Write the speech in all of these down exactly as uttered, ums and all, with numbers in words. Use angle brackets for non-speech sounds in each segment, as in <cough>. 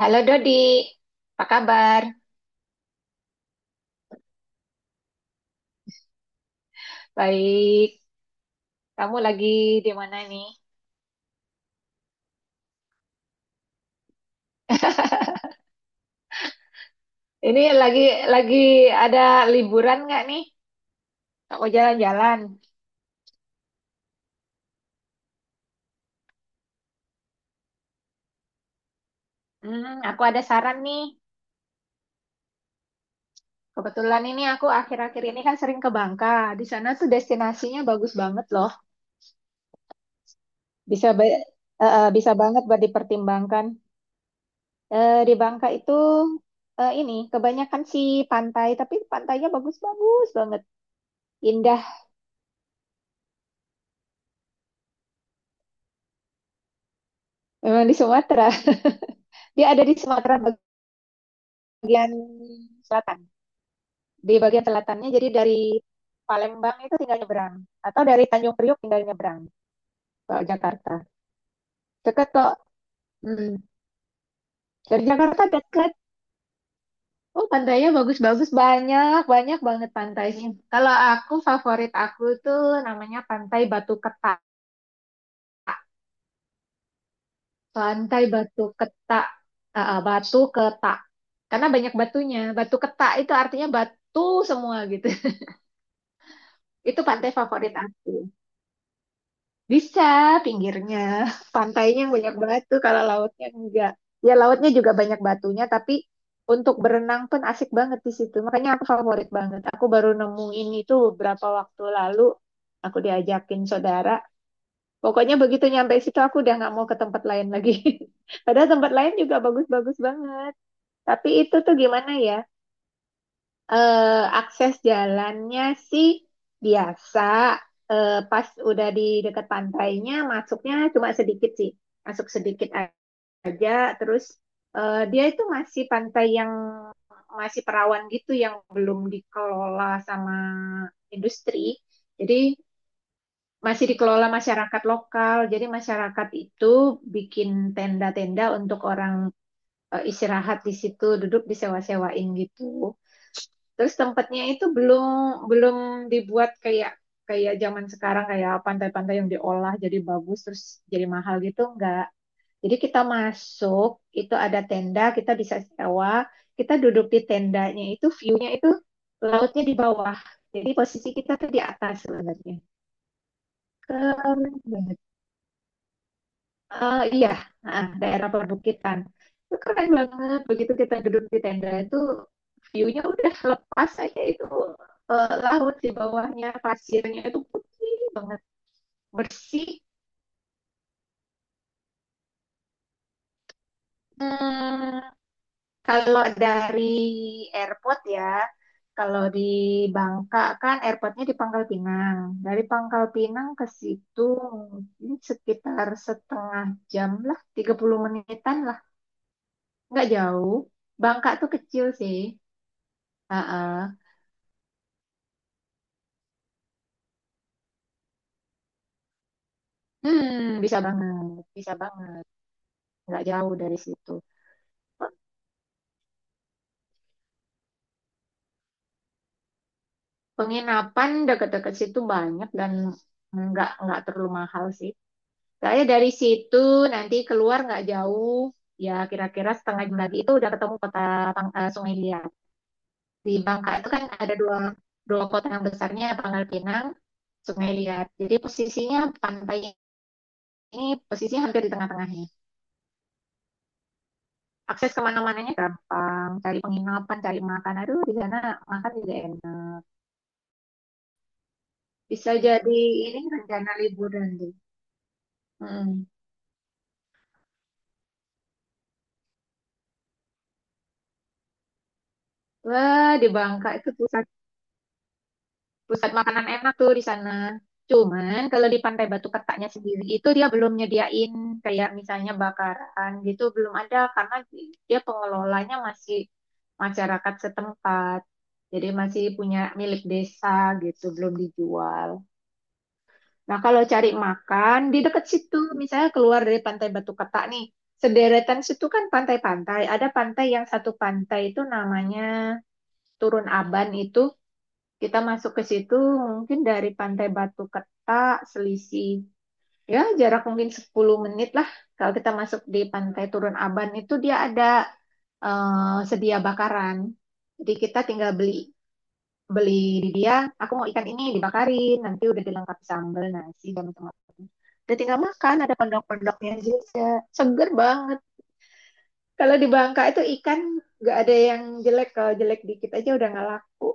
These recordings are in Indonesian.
Halo Dodi, apa kabar? Baik, kamu lagi di mana nih? Ini lagi lagi ada liburan nggak nih? Mau jalan-jalan? Hmm, aku ada saran nih. Kebetulan ini aku akhir-akhir ini kan sering ke Bangka. Di sana tuh destinasinya bagus banget loh. Bisa ba- eh, eh, bisa banget buat dipertimbangkan. Eh, di Bangka itu eh, ini kebanyakan sih pantai, tapi pantainya bagus-bagus banget, indah. Memang di Sumatera. <laughs> Dia ada di Sumatera bagian selatan. Di bagian selatannya jadi dari Palembang itu tinggal nyebrang atau dari Tanjung Priok tinggal nyebrang ke Jakarta. Dekat kok. Hmm. Dari Jakarta dekat. Oh, pantainya bagus-bagus banyak, banyak banget pantainya. Kalau aku favorit aku tuh namanya Pantai Batu Ketak. Pantai Batu Ketak. Ah, Batu Ketak. Karena banyak batunya. Batu Ketak itu artinya batu semua gitu. <laughs> Itu pantai favorit aku. Bisa pinggirnya, pantainya yang banyak batu kalau lautnya enggak. Ya lautnya juga banyak batunya tapi untuk berenang pun asik banget di situ. Makanya aku favorit banget. Aku baru nemuin itu beberapa waktu lalu. Aku diajakin saudara. Pokoknya begitu nyampe situ aku udah nggak mau ke tempat lain lagi. <laughs> Padahal tempat lain juga bagus-bagus banget. Tapi itu tuh gimana ya? Eh, akses jalannya sih biasa. Eh, pas udah di dekat pantainya, masuknya cuma sedikit sih. Masuk sedikit aja. Terus eh, dia itu masih pantai yang masih perawan gitu, yang belum dikelola sama industri. Jadi masih dikelola masyarakat lokal. Jadi masyarakat itu bikin tenda-tenda untuk orang eh, istirahat di situ, duduk disewa-sewain gitu. Terus tempatnya itu belum belum dibuat kayak kayak zaman sekarang kayak pantai-pantai yang diolah jadi bagus terus jadi mahal gitu enggak. Jadi kita masuk, itu ada tenda, kita bisa sewa, kita duduk di tendanya itu view-nya itu lautnya di bawah. Jadi posisi kita tuh di atas sebenarnya. Keren banget. Eh, iya, ah, daerah perbukitan. Itu keren banget. Begitu kita duduk di tenda itu, view-nya udah lepas aja itu eh, laut di bawahnya, pasirnya itu putih banget, bersih. Hmm, kalau dari airport ya, kalau di Bangka kan airportnya di Pangkal Pinang. Dari Pangkal Pinang ke situ mungkin sekitar setengah jam lah, tiga puluh menitan lah, nggak jauh. Bangka tuh kecil sih. Heeh. Hmm, bisa banget, bisa banget. Nggak jauh dari situ. Penginapan deket-deket situ banyak dan nggak nggak terlalu mahal sih. Saya dari situ nanti keluar nggak jauh, ya kira-kira setengah jam lagi itu udah ketemu kota Pang- eh, Sungai Liat. Di Bangka itu kan ada dua dua kota yang besarnya Pangkal Pinang, Sungai Liat. Jadi posisinya pantai ini posisinya hampir di tengah-tengahnya. Akses kemana-mananya gampang, cari penginapan, cari makan. Aduh, di sana makan juga enak. Bisa jadi ini rencana liburan deh. Mm. Wah, di Bangka itu pusat pusat makanan enak tuh di sana. Cuman kalau di Pantai Batu Ketaknya sendiri itu dia belum nyediain kayak misalnya bakaran gitu belum ada karena dia pengelolanya masih masyarakat setempat. Jadi masih punya milik desa gitu, belum dijual. Nah, kalau cari makan di dekat situ, misalnya keluar dari Pantai Batu Ketak nih, sederetan situ kan pantai-pantai. Ada pantai yang satu pantai itu namanya Turun Aban itu. Kita masuk ke situ mungkin dari Pantai Batu Ketak selisih ya jarak mungkin sepuluh menit lah. Kalau kita masuk di Pantai Turun Aban itu dia ada eh, sedia bakaran. Jadi kita tinggal beli beli di dia, aku mau ikan ini dibakarin nanti udah dilengkapi sambal nasi dan teman-teman, udah tinggal makan, ada pendok-pendoknya juga, seger banget. Kalau di Bangka itu ikan nggak ada yang jelek, kalau jelek dikit aja udah nggak laku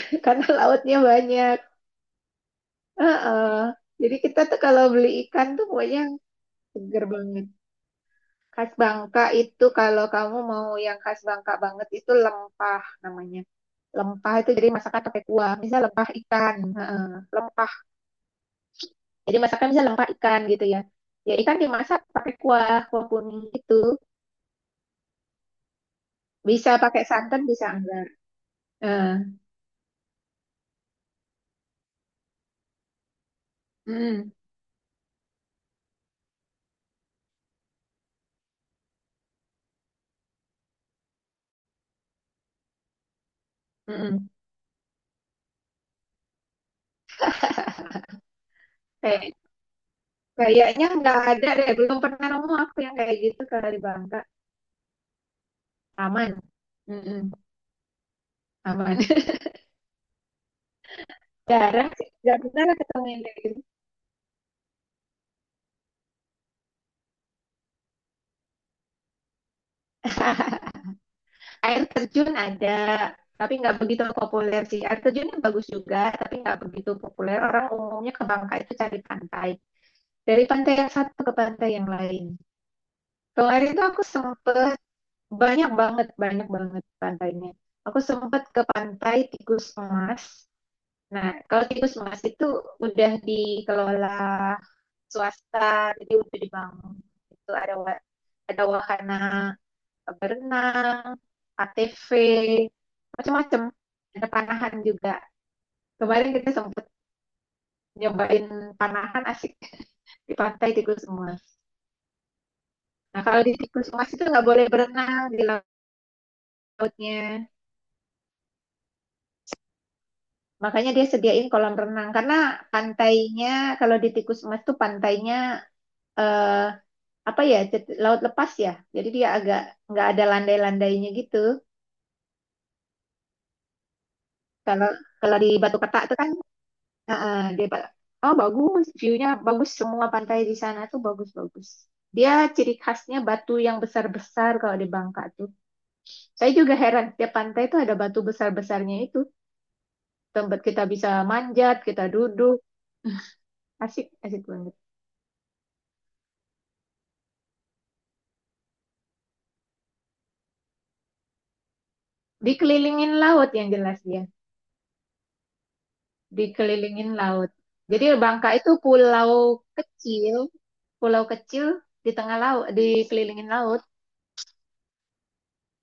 <laughs> karena lautnya banyak. Heeh. Jadi kita tuh kalau beli ikan tuh pokoknya seger banget. Khas Bangka itu kalau kamu mau yang khas Bangka banget itu lempah namanya. Lempah itu jadi masakan pakai kuah, misal lempah ikan. Heeh. Lempah. Jadi masakan bisa lempak ikan gitu ya. Ya ikan dimasak pakai kuah, kuah kuning gitu. Bisa pakai santan, bisa enggak. Eh, mm, mm-mm. Kayak, kayaknya nggak ada deh. Belum pernah nemu aku yang kayak gitu kalau di Bangka. Aman. Mm-mm. Aman. <laughs> Jarang sih. Nggak pernah lah ketemu yang kayak gitu. <laughs> Air terjun ada. Tapi nggak begitu populer sih. Air terjunnya bagus juga, tapi nggak begitu populer. Orang umumnya ke Bangka itu cari pantai. Dari pantai yang satu ke pantai yang lain. Kemarin tuh aku sempet banyak banget, banyak banget pantainya. Aku sempet ke Pantai Tikus Emas. Nah, kalau Tikus Emas itu udah dikelola swasta, jadi udah dibangun. Itu ada wa- ada wahana berenang, A T V, macam-macam. Ada panahan juga. Kemarin kita sempet nyobain panahan asik <laughs> di Pantai Tikus Emas. Nah, kalau di Tikus Emas itu nggak boleh berenang di lautnya. Makanya dia sediain kolam renang karena pantainya, kalau di Tikus Emas tuh pantainya eh, apa ya cet- laut lepas ya. Jadi dia agak nggak ada landai-landainya gitu. Kalau kalau di Batu Ketak tuh kan eh, eh, dia ba- oh bagus, view-nya bagus, semua pantai di sana tuh bagus-bagus. Dia ciri khasnya batu yang besar-besar kalau di Bangka tuh. Saya juga heran tiap pantai tuh ada batu besar-besarnya itu. Tempat kita bisa manjat, kita duduk, asik asik banget. Dikelilingin laut yang jelas dia, dikelilingin laut. Jadi Bangka itu pulau kecil, pulau kecil di tengah laut, dikelilingin laut,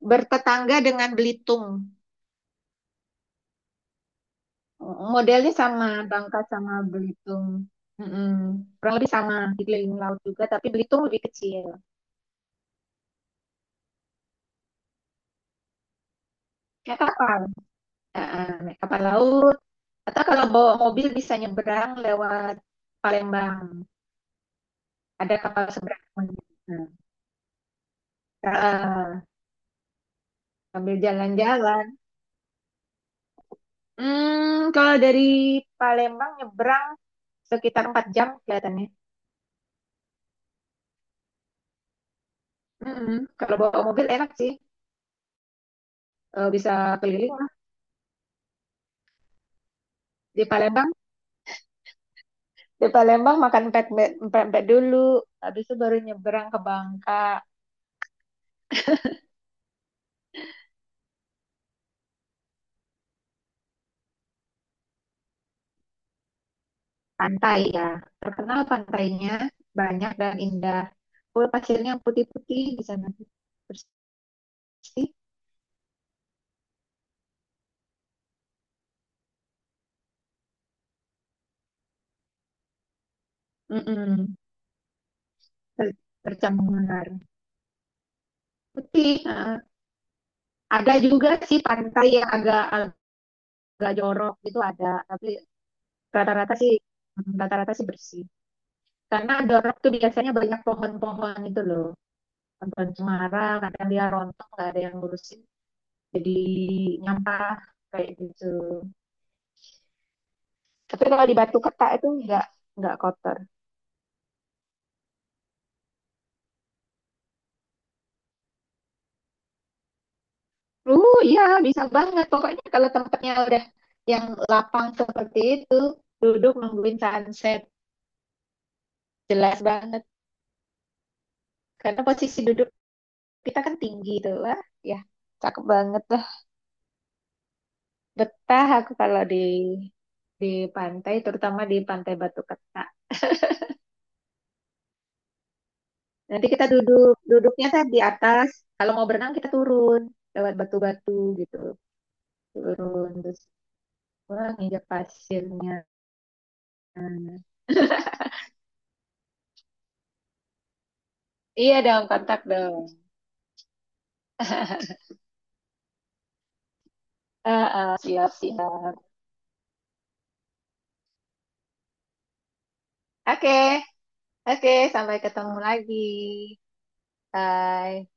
bertetangga dengan Belitung. Modelnya sama Bangka sama Belitung. Mm-mm. Kurang lebih sama, dikelilingin laut juga, tapi Belitung lebih kecil. Kayak kapal, heeh, naik kapal laut. Atau kalau bawa mobil bisa nyebrang lewat Palembang. Ada kapal seberang. Nah, heeh. Sambil jalan-jalan. Hmm, kalau dari Palembang nyebrang sekitar empat jam kelihatannya. Mm-mm. Kalau bawa mobil enak sih, Eh, bisa keliling lah. Di Palembang, di Palembang makan pempek pempek dulu, habis itu baru nyebrang ke Bangka. Pantai ya, terkenal pantainya banyak dan indah. Oh, pasirnya putih-putih di sana, bersih. Mm-mm. Ter- Tercambung menara. Putih. eh. Ada juga sih pantai yang agak agak jorok gitu ada, tapi rata-rata sih, hmm, rata-rata sih bersih. Karena Dorok tuh biasanya banyak pohon-pohon itu loh. Pohon cemara, kadang dia rontok, nggak ada yang ngurusin. Jadi nyampah kayak gitu. Tapi kalau di Batu Keta itu nggak nggak kotor. Uh, iya bisa banget. Pokoknya kalau tempatnya udah yang lapang seperti itu, duduk nungguin sunset, jelas banget. Karena posisi duduk kita kan tinggi tuh lah. Ya, cakep banget lah. Betah aku kalau di di pantai, terutama di Pantai Batu Keta. Nanti kita duduk, duduknya kan di atas. Kalau mau berenang kita turun lewat batu-batu gitu, turun terus wah nginjak pasirnya. Iya dong, kontak dong. Ah, ah, siap, siap. Oke, oke, sampai ketemu lagi. Bye.